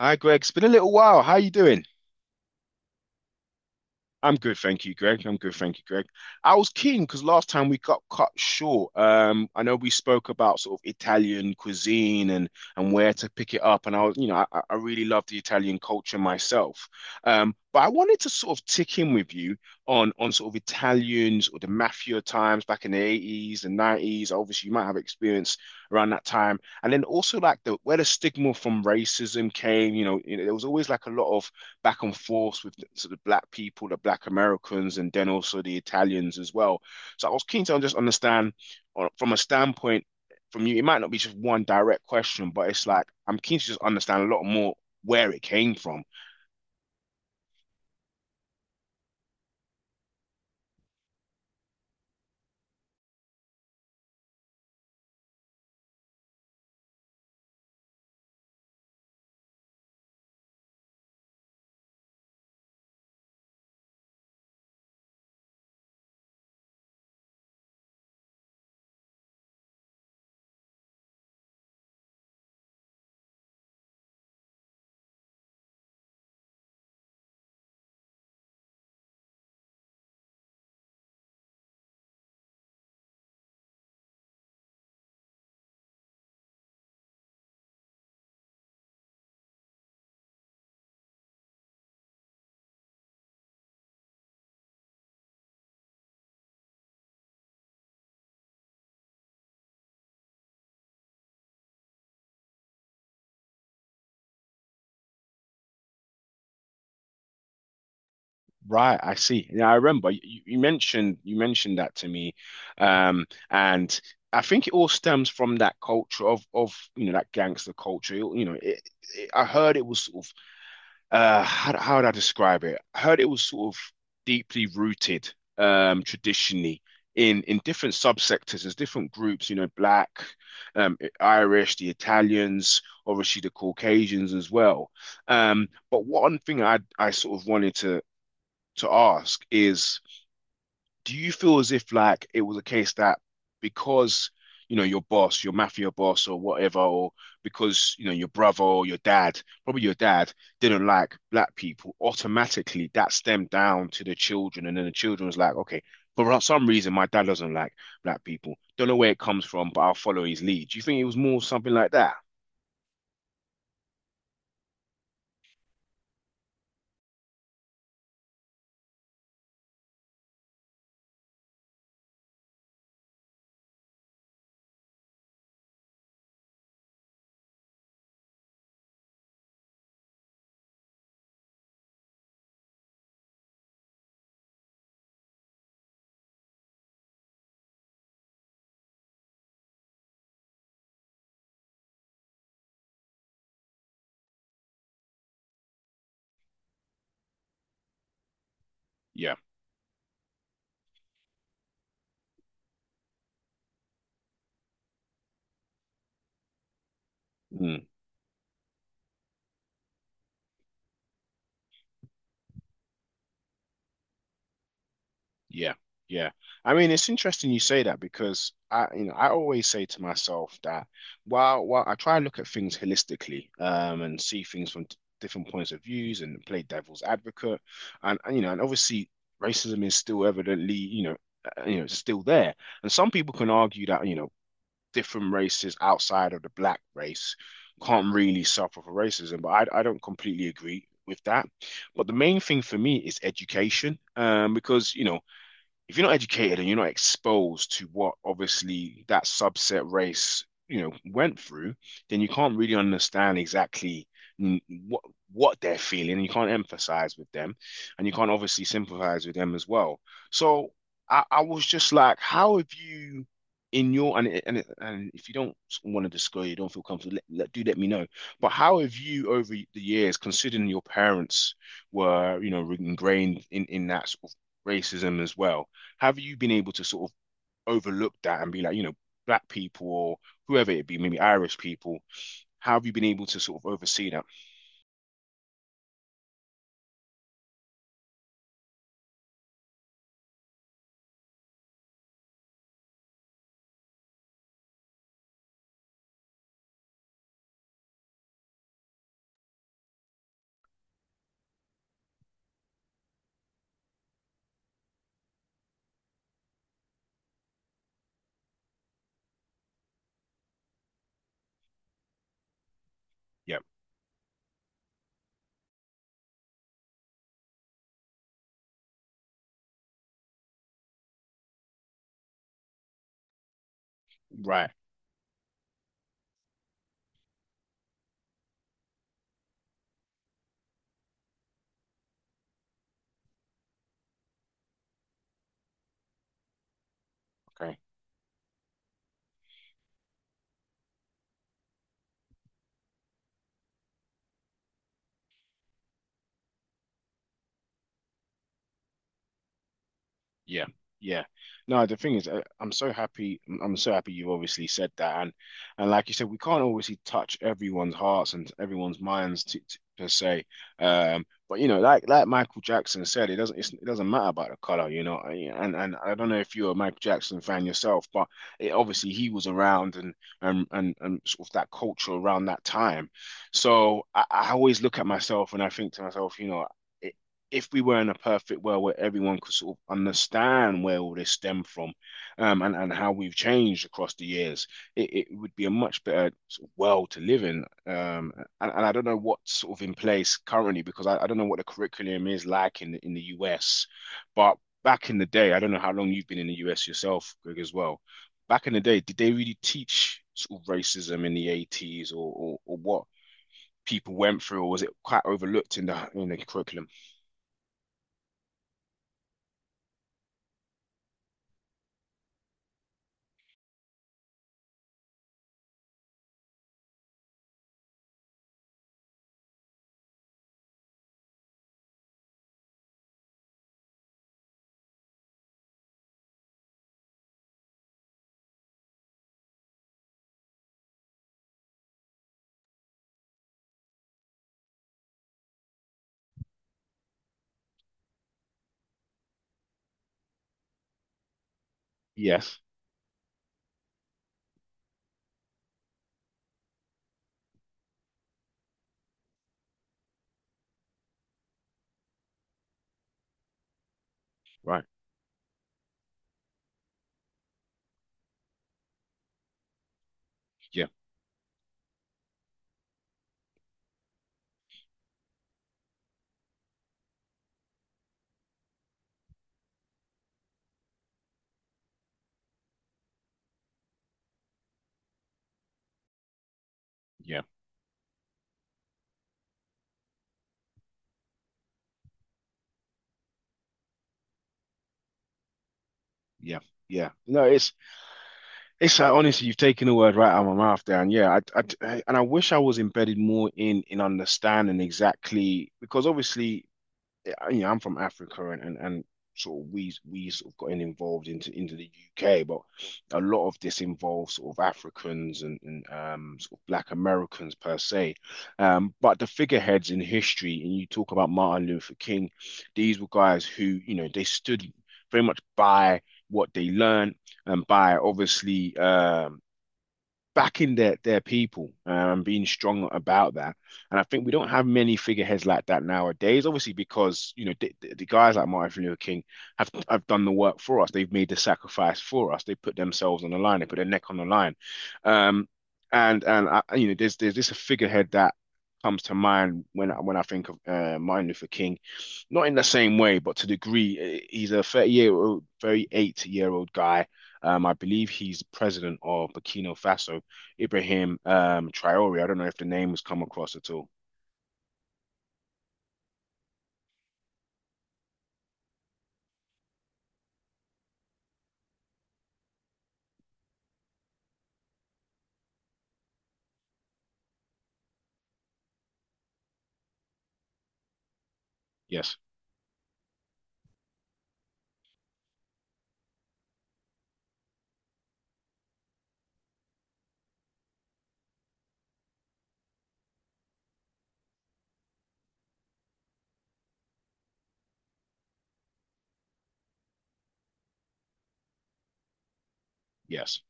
Hi, Greg. It's been a little while. How you doing? I'm good, thank you, Greg. I was keen because last time we got cut short. I know we spoke about sort of Italian cuisine and where to pick it up, and I was, you know, I really love the Italian culture myself. But I wanted to sort of tick in with you on sort of Italians or the mafia times back in the 80s and 90s. Obviously, you might have experience around that time, and then also like the where the stigma from racism came. You know, there was always like a lot of back and forth with sort of black people, the black Americans, and then also the Italians as well. So I was keen to just understand from a standpoint from you. It might not be just one direct question, but it's like I'm keen to just understand a lot more where it came from. Right, I see. Yeah, I remember you mentioned that to me, and I think it all stems from that culture of you know that gangster culture. You know, I heard it was sort of how would I describe it? I heard it was sort of deeply rooted, um, traditionally, in different subsectors as different groups, you know, black, um, Irish, the Italians, obviously the Caucasians as well. But one thing I sort of wanted to ask is, do you feel as if like it was a case that, because you know your boss, your mafia boss or whatever, or because you know your brother or your dad, probably your dad didn't like black people, automatically that stemmed down to the children, and then the children was like, okay, for some reason my dad doesn't like black people. Don't know where it comes from, but I'll follow his lead. Do you think it was more something like that? Yeah. Hmm. Yeah, yeah. I mean, it's interesting you say that because, I, you know, I always say to myself that while I try and look at things holistically, and see things from different points of views and play devil's advocate, and you know, and obviously racism is still evidently, you know, it's still there. And some people can argue that, you know, different races outside of the black race can't really suffer for racism, but I don't completely agree with that. But the main thing for me is education, because you know if you're not educated and you're not exposed to what obviously that subset race, you know, went through, then you can't really understand exactly mm, what they're feeling. And you can't empathise with them, and you can't obviously sympathize with them as well. So I was just like, how have you? In your, and if you don't want to disclose, you don't feel comfortable, do let me know. But how have you, over the years, considering your parents were, you know, ingrained in that sort of racism as well, have you been able to sort of overlook that and be like, you know, black people or whoever it be, maybe Irish people, how have you been able to sort of oversee that? Yeah, right. Okay. Yeah, yeah. No, the thing is, I'm so happy. I'm so happy you obviously said that. And like you said, we can't obviously touch everyone's hearts and everyone's minds to per se. But you know, like Michael Jackson said, it doesn't matter about the color, you know. And I don't know if you're a Michael Jackson fan yourself, but obviously he was around, and and sort of that culture around that time. So I always look at myself and I think to myself, you know, if we were in a perfect world where everyone could sort of understand where all this stemmed from, and how we've changed across the years, it would be a much better sort of world to live in. And I don't know what's sort of in place currently because I don't know what the curriculum is like in in the US. But back in the day, I don't know how long you've been in the US yourself, Greg, as well. Back in the day, did they really teach sort of racism in the 80s or what people went through, or was it quite overlooked in the curriculum? Yes. Right. Yeah. Yeah. Yeah. Yeah. No, it's honestly, you've taken the word right out of my mouth there, and yeah, and I wish I was embedded more in understanding exactly because obviously you know, I'm from Africa, and and sort of we sort of gotten involved into the UK, but a lot of this involves sort of Africans and, um, sort of Black Americans per se. But the figureheads in history, and you talk about Martin Luther King, these were guys who, you know, they stood very much by what they learned and by obviously, um, backing their people, and being strong about that. And I think we don't have many figureheads like that nowadays. Obviously, because you know the guys like Martin Luther King have done the work for us. They've made the sacrifice for us. They put themselves on the line. They put their neck on the line. Um, and I, you know, there's this figurehead that comes to mind when I think of Martin Luther King, not in the same way, but to the degree. He's a 38-year-old guy. I believe he's president of Burkina Faso, Ibrahim, Traore. I don't know if the name has come across at all. Yes, yes,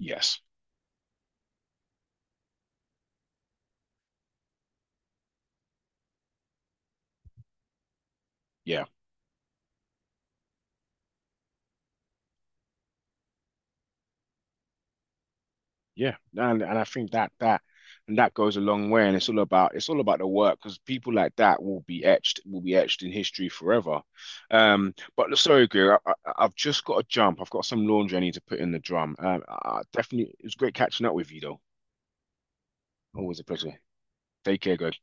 yes, yeah, yeah. No, and I think that and that goes a long way. And it's all about, the work, because people like that will be etched, in history forever. But sorry, Greer, I've just got to jump. I've got some laundry I need to put in the drum. I definitely, it was great catching up with you though. Always a pleasure. Take care, guys.